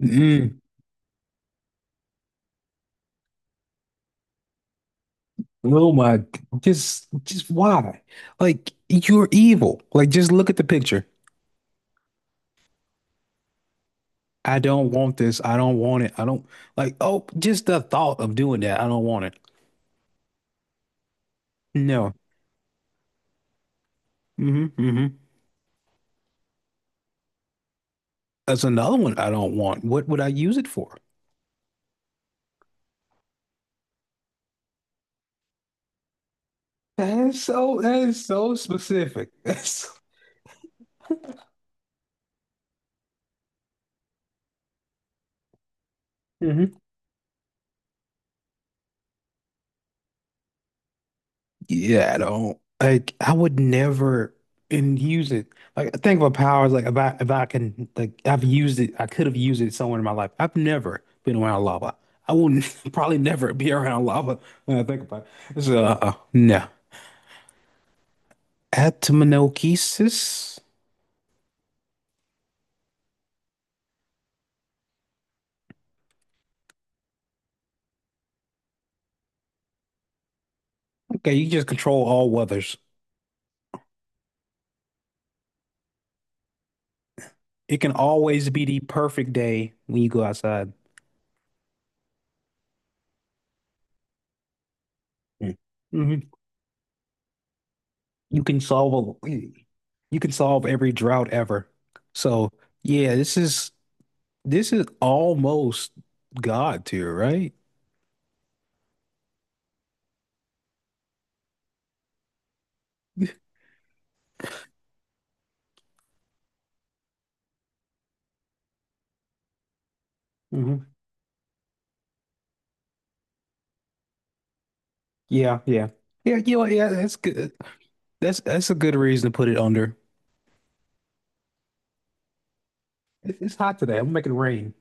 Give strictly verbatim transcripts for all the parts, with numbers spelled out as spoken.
Mm. Oh my, g- just, just why? Like, you're evil. Like, just look at the picture. I don't want this. I don't want it. I don't like, oh, Just the thought of doing that. I don't want it. No. hmm hmm That's another one I don't want. What would I use it for? That is so, that is so specific. That's, Yeah, I don't like I would never and use it. Like I think of a power is like if I if I can, like, I've used it, I could have used it somewhere in my life. I've never been around lava. I will n- probably never be around lava when I think about it. So uh, no. Atominogenesis. Okay, you just control all weathers. It can always be the perfect day when you go outside. Hmm You can solve a you can solve every drought ever. So yeah, this is. This is almost God tier, right? hmm Yeah, yeah. Yeah, you know, yeah, that's good. That's that's a good reason to put it under. It- It's hot today. I'm making it rain.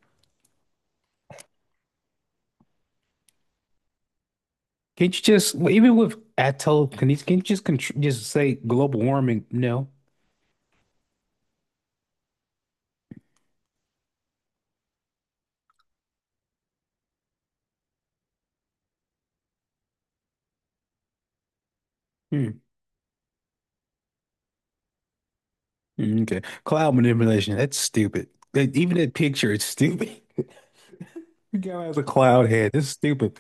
Can't you just, well, even with atoll? Can you can you just contr just say global warming? No. Hmm. Mm, okay. Cloud manipulation. That's stupid. Like, even that picture is stupid. The guy has a cloud head. This is stupid.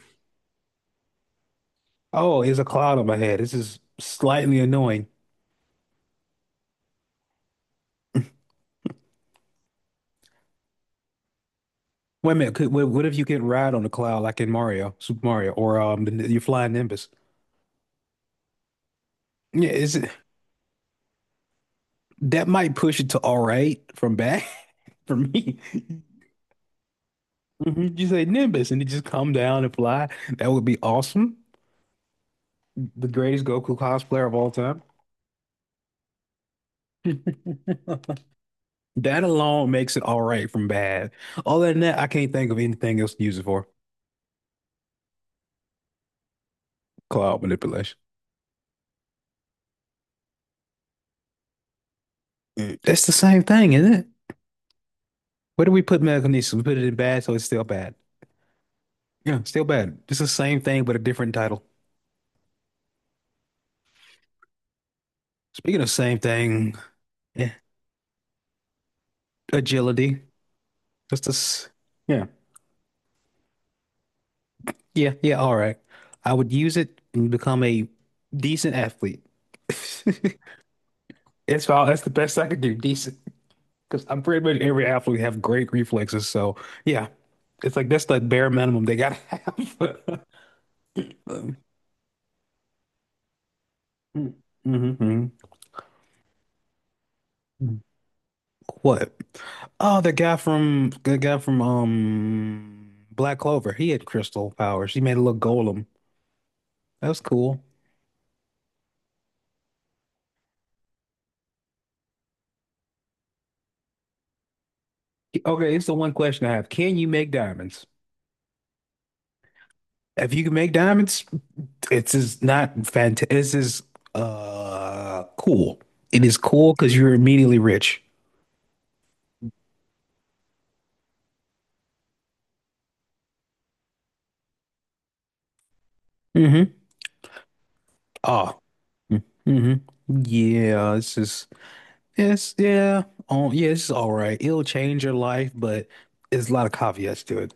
Oh, it's a cloud on my head. This is slightly annoying. Wait a minute. Could, what, what if you could ride on the cloud like in Mario, Super Mario, or um, the, your flying Nimbus? Yeah, is it that might push it to all right from bad for me? Mhm. You say Nimbus and it just come down and fly. That would be awesome. The greatest Goku cosplayer of all time. That alone makes it all right from bad. Other than that, I can't think of anything else to use it for. Cloud manipulation. Mm. That's the same thing, isn't it? Where do we put telekinesis? We put it in bad, so it's still bad. Yeah, still bad. It's the same thing, but a different title. Speaking of same thing, yeah, agility. Just this. Yeah, yeah, yeah. All right. I would use it and become a decent athlete. It's all. That's the best I could do. Decent, because I'm pretty much, every athlete have great reflexes. So yeah, it's like that's the bare minimum they gotta have. Mm-hmm. mm-hmm. What? Oh, the guy from the guy from um Black Clover. He had crystal powers. He made a little golem. That was cool. Okay, it's the one question I have. Can you make diamonds? If you can make diamonds, it's is not fantastic. This is uh cool. It is cool because you're immediately rich. Mm-hmm. Oh. Mm-hmm. Yeah, this is yes, yeah. Oh, yeah, it's all right. It'll change your life, but there's a lot of caveats to it.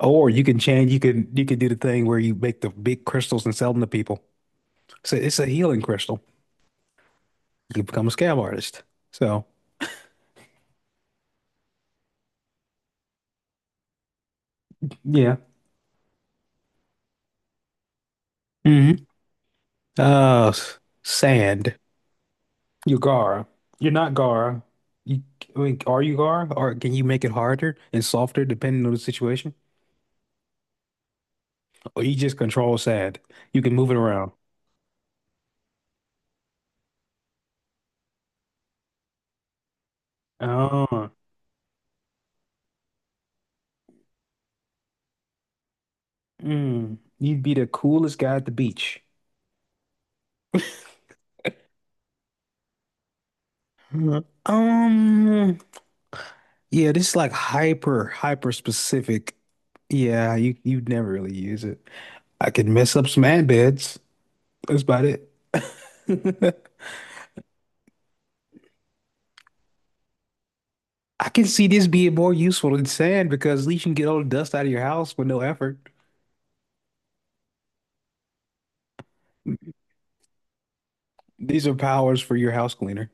Or you can change, you can, you can do the thing where you make the big crystals and sell them to people. So it's a healing crystal. You can become a scab artist. So yeah. hmm Uh, s- sand. You're Gara. You're not Gara. You, I mean, are you Gara? Or can you make it harder and softer depending on the situation? Or you just control sand. You can move it around. Oh, mm. You'd be the coolest guy at the beach. Mhm. Um, yeah, this is like hyper, hyper specific. Yeah, you you'd never really use it. I could mess up some ant beds. That's about it. I can see this being more useful than sand because at least you can get all the dust out of your house with no effort. These are powers for your house cleaner.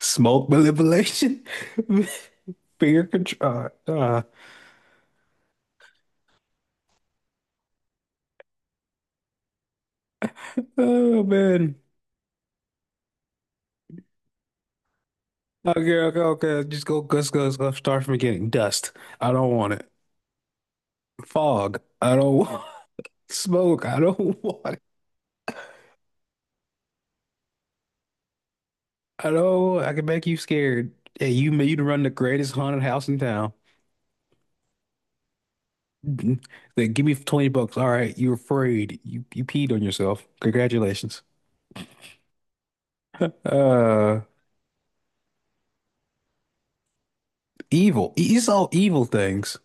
Smoke manipulation, finger control. Uh, uh, oh man. Okay, okay, okay. Just go, let's go, let's go. Start from the beginning. Dust. I don't want it. Fog. I don't want. Smoke. I don't want it. I know I can make you scared. Hey, you made you to run the greatest haunted house in town. Mhm. Then give me twenty bucks. All right, you're afraid. You you peed on yourself. Congratulations. Uh, evil. E, it's all evil things.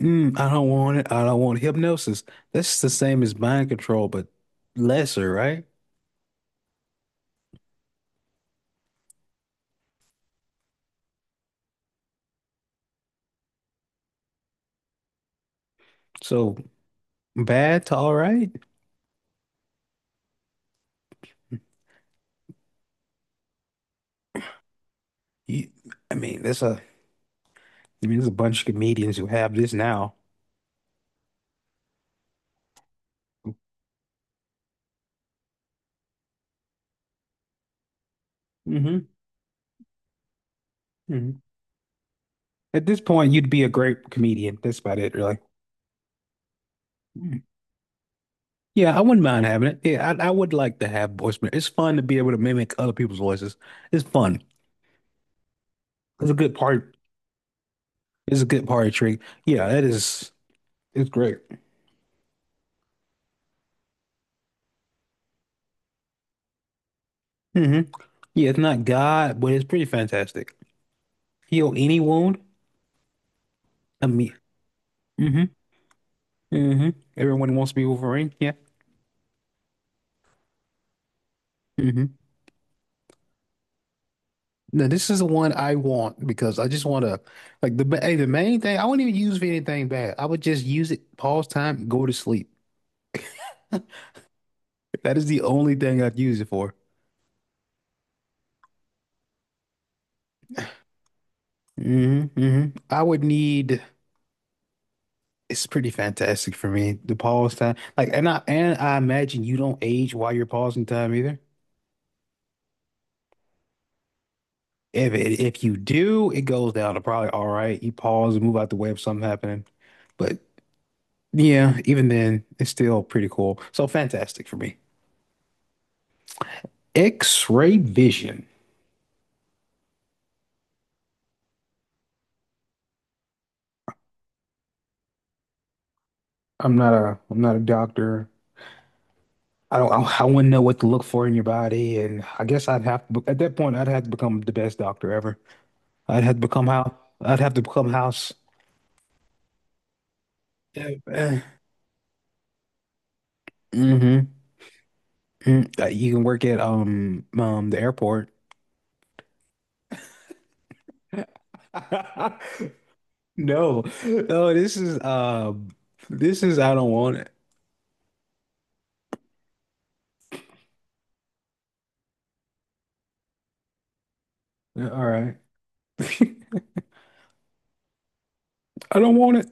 Mm, I don't want it. I don't want hypnosis. That's the same as mind control, but lesser, right? So bad to all right. You, I mean, there's a, I mean, there's a bunch of comedians who have this now. Mm-hmm. mm-hmm. At this point, you'd be a great comedian. That's about it, really. Mm. Yeah, I wouldn't mind having it. Yeah, I, I would like to have voice. ma- It's fun to be able to mimic other people's voices. It's fun. It's a good part. It's a good party trick. Yeah, that is. It's great. Hmm Yeah, it's not God, but it's pretty fantastic. Heal any wound. I mean, hmm hmm everyone wants to be Wolverine. Yeah. hmm Now this is the one I want because I just want to, like, the hey, the main thing. I wouldn't even use it for anything bad. I would just use it, pause time, go to sleep. That is the only thing I'd use it for. hmm hmm I would need. It's pretty fantastic for me. The pause time, like, and I and I imagine you don't age while you're pausing time either. If it, if you do, it goes down to probably all right. You pause and move out the way of something happening, but yeah, even then, it's still pretty cool. So fantastic for me. X-ray vision. I'm not a I'm not a doctor. I don't I, I wouldn't know what to look for in your body, and I guess I'd have to, at that point I'd have to become the best doctor ever. I'd have to become house. I'd have to become house. Mm-hmm. Mm. Uh, you can work at um um the airport. No, no, this is uh, this is, I don't want it. Yeah, all right. I don't want it.